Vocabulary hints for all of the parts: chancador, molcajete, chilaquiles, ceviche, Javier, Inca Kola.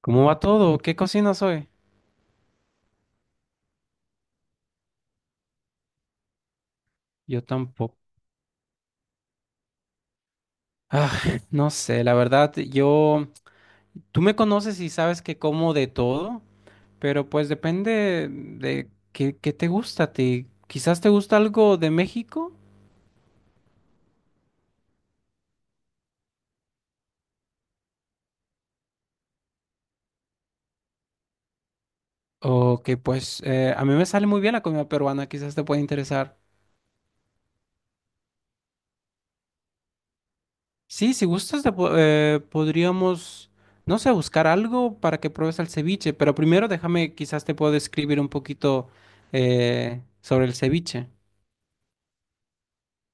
¿Cómo va todo? ¿Qué cocinas hoy? Yo tampoco. Ah, no sé, la verdad, tú me conoces y sabes que como de todo, pero pues depende de qué te gusta a ti. Quizás te gusta algo de México o que pues a mí me sale muy bien la comida peruana, quizás te pueda interesar. Sí, si gustas, podríamos, no sé, buscar algo para que pruebes el ceviche, pero primero déjame, quizás te puedo describir un poquito sobre el ceviche.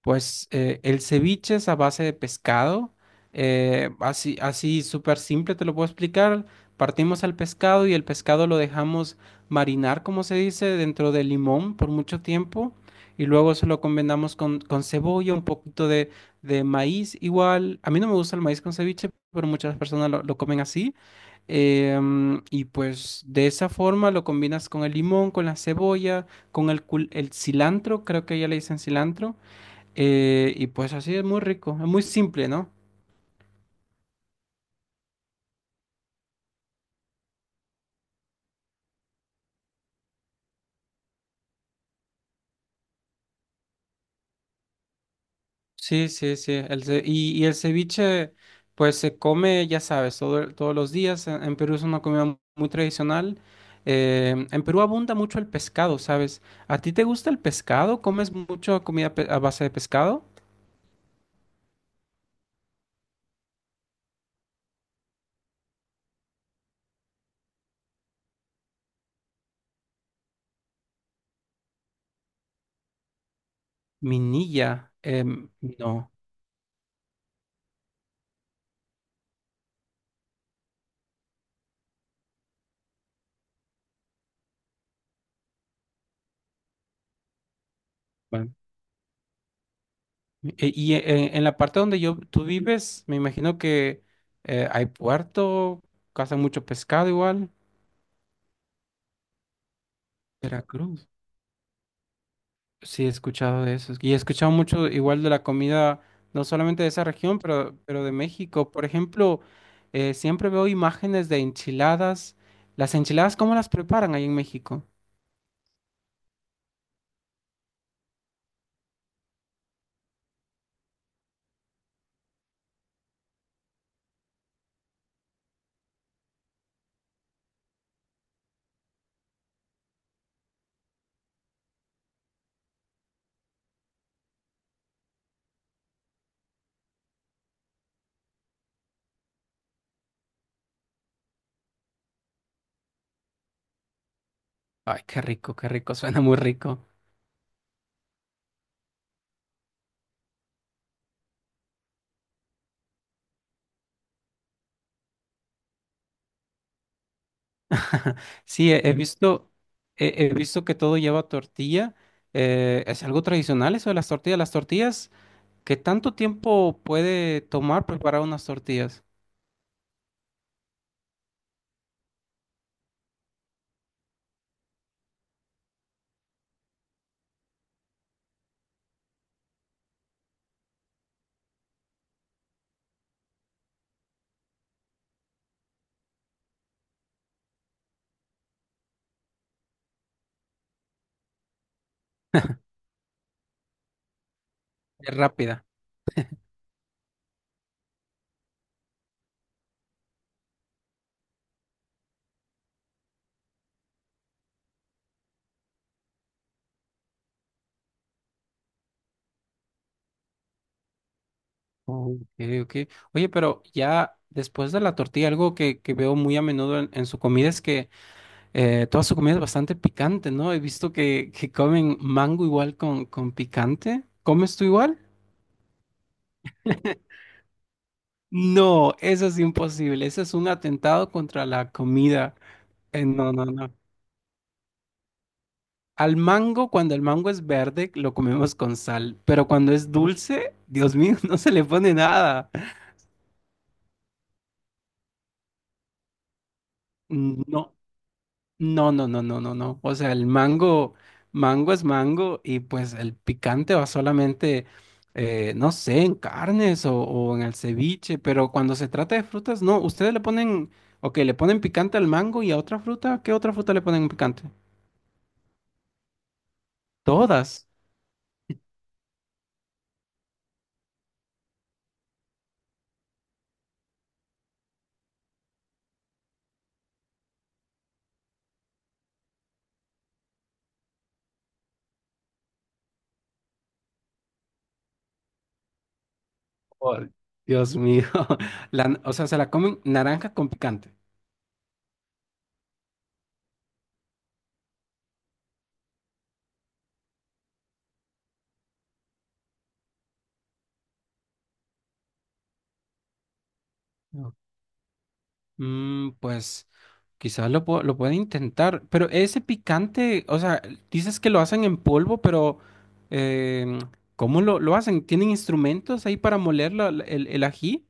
Pues el ceviche es a base de pescado. Así, así súper simple te lo puedo explicar. Partimos al pescado y el pescado lo dejamos marinar, como se dice, dentro de limón por mucho tiempo. Y luego se lo combinamos con cebolla, un poquito de maíz. Igual, a mí no me gusta el maíz con ceviche, pero muchas personas lo comen así. Y pues de esa forma lo combinas con el limón, con la cebolla, con el cilantro, creo que ya le dicen cilantro. Y pues así es muy rico, es muy simple, ¿no? Sí, sí, sí. Y el ceviche, pues se come, ya sabes, todos los días. En Perú es una comida muy tradicional. En Perú abunda mucho el pescado, ¿sabes? ¿A ti te gusta el pescado? ¿Comes mucho comida a base de pescado? Minilla, no. Bueno, en la parte donde tú vives, me imagino que hay puerto, caza mucho pescado igual. Veracruz. Sí, he escuchado de eso. Y he escuchado mucho igual de la comida, no solamente de esa región, pero de México. Por ejemplo, siempre veo imágenes de enchiladas. ¿Las enchiladas cómo las preparan ahí en México? Ay, qué rico, suena muy rico. Sí, he visto que todo lleva tortilla. ¿Es algo tradicional eso de las tortillas? ¿Las tortillas? ¿Qué tanto tiempo puede tomar preparar unas tortillas? Es rápida. Oh, ok, ok. Oye, pero ya después de la tortilla, algo que veo muy a menudo en su comida es que toda su comida es bastante picante, ¿no? He visto que comen mango igual con picante. ¿Comes tú igual? No, eso es imposible. Ese es un atentado contra la comida. No, no, no. Al mango, cuando el mango es verde, lo comemos con sal, pero cuando es dulce, Dios mío, no se le pone nada. No. No, no, no, no, no, no. O sea, el mango, mango es mango y pues el picante va solamente, no sé, en carnes o en el ceviche, pero cuando se trata de frutas, no, ustedes le ponen, ok, le ponen picante al mango y a otra fruta, ¿qué otra fruta le ponen picante? Todas. Oh, Dios mío. O sea, se la comen naranja con picante. Mm, pues quizás lo puede intentar, pero ese picante, o sea, dices que lo hacen en polvo, pero em, ¿cómo lo hacen? ¿Tienen instrumentos ahí para moler el ají?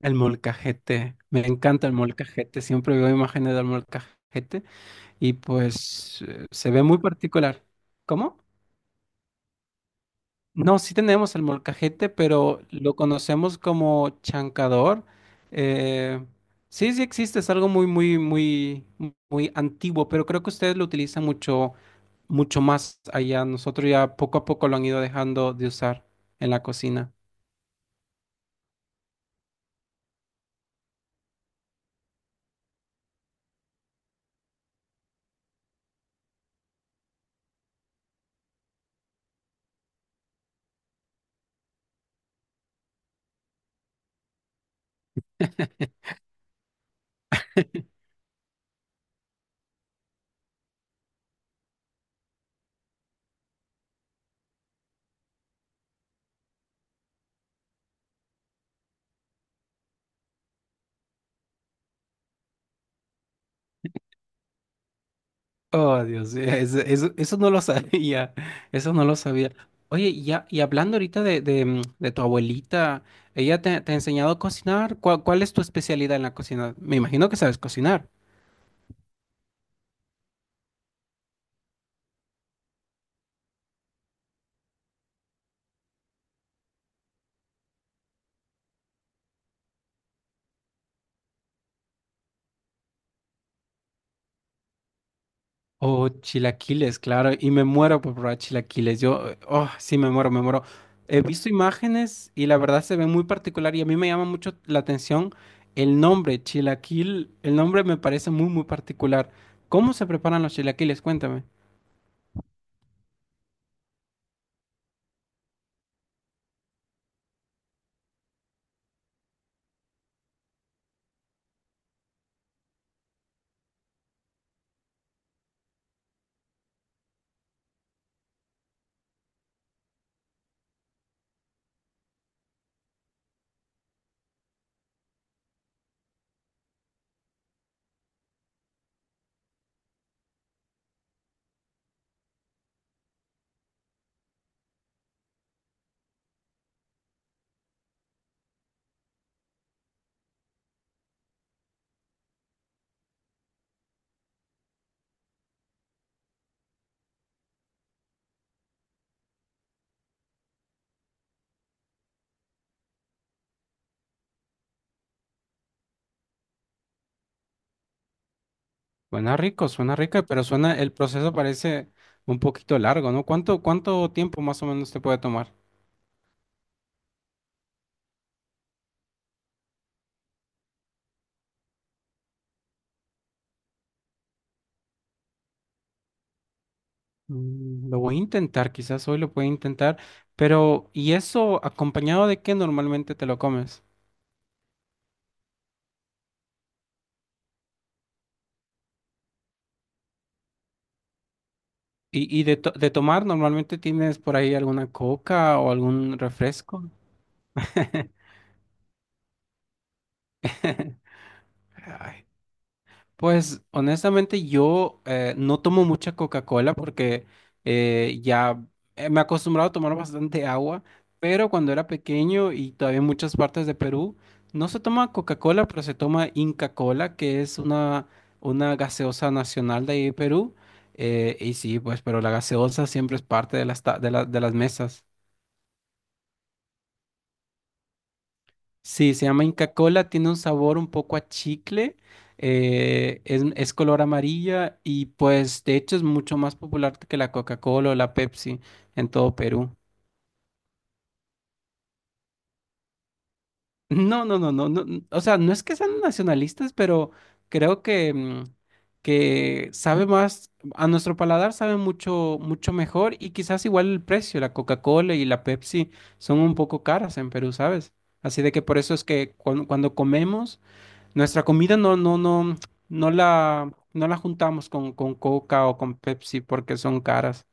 El molcajete, me encanta el molcajete, siempre veo imágenes del molcajete y pues se ve muy particular. ¿Cómo? No, sí tenemos el molcajete, pero lo conocemos como chancador. Eh, sí, sí existe, es algo muy, muy, muy, muy antiguo, pero creo que ustedes lo utilizan mucho, mucho más allá. Nosotros ya poco a poco lo han ido dejando de usar en la cocina. Oh, Dios, eso no lo sabía, eso no lo sabía. Oye, y ya, y hablando ahorita de tu abuelita, ¿ella te ha enseñado a cocinar? ¿Cuál es tu especialidad en la cocina? Me imagino que sabes cocinar. Oh, chilaquiles, claro, y me muero por probar chilaquiles. Oh, sí, me muero, me muero. He visto imágenes y la verdad se ve muy particular y a mí me llama mucho la atención el nombre, chilaquil. El nombre me parece muy, muy particular. ¿Cómo se preparan los chilaquiles? Cuéntame. Suena rico, pero suena, el proceso parece un poquito largo, ¿no? ¿Cuánto tiempo más o menos te puede tomar? Mm, lo voy a intentar, quizás hoy lo pueda intentar, pero ¿y eso acompañado de qué normalmente te lo comes? Y de tomar, normalmente tienes por ahí alguna coca o algún refresco. Ay, pues honestamente yo no tomo mucha Coca-Cola porque ya me he acostumbrado a tomar bastante agua, pero cuando era pequeño y todavía en muchas partes de Perú no se toma Coca-Cola, pero se toma Inca Kola, que es una gaseosa nacional de ahí de Perú. Y sí, pues, pero la gaseosa siempre es parte de las, ta- de la- de las mesas. Sí, se llama Inca Kola, tiene un sabor un poco a chicle, es color amarilla y pues de hecho es mucho más popular que la Coca-Cola o la Pepsi en todo Perú. No, no, no, no, no, o sea, no es que sean nacionalistas, pero creo que sabe más, a nuestro paladar sabe mucho, mucho mejor y quizás igual el precio, la Coca-Cola y la Pepsi son un poco caras en Perú, ¿sabes? Así de que por eso es que cuando comemos. Nuestra comida no la juntamos con Coca o con Pepsi porque son caras.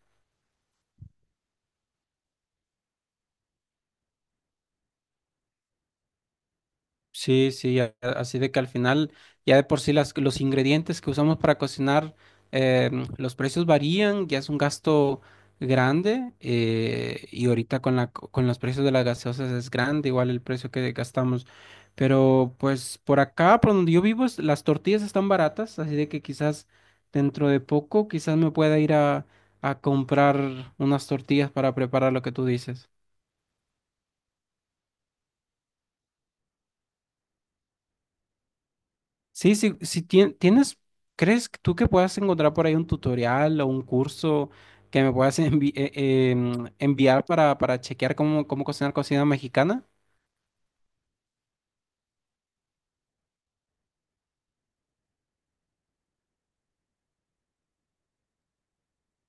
Sí, sí, así de que al final ya de por sí los ingredientes que usamos para cocinar, los precios varían, ya es un gasto grande y ahorita con los precios de las gaseosas es grande, igual el precio que gastamos. Pero pues por acá, por donde yo vivo, las tortillas están baratas, así de que quizás dentro de poco, quizás me pueda ir a comprar unas tortillas para preparar lo que tú dices. Sí, sí, si tienes, ¿crees que tú que puedas encontrar por ahí un tutorial o un curso que me puedas enviar para chequear cómo cocinar cocina mexicana?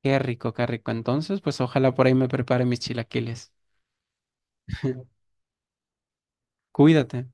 Qué rico, qué rico. Entonces, pues ojalá por ahí me prepare mis chilaquiles. Cuídate.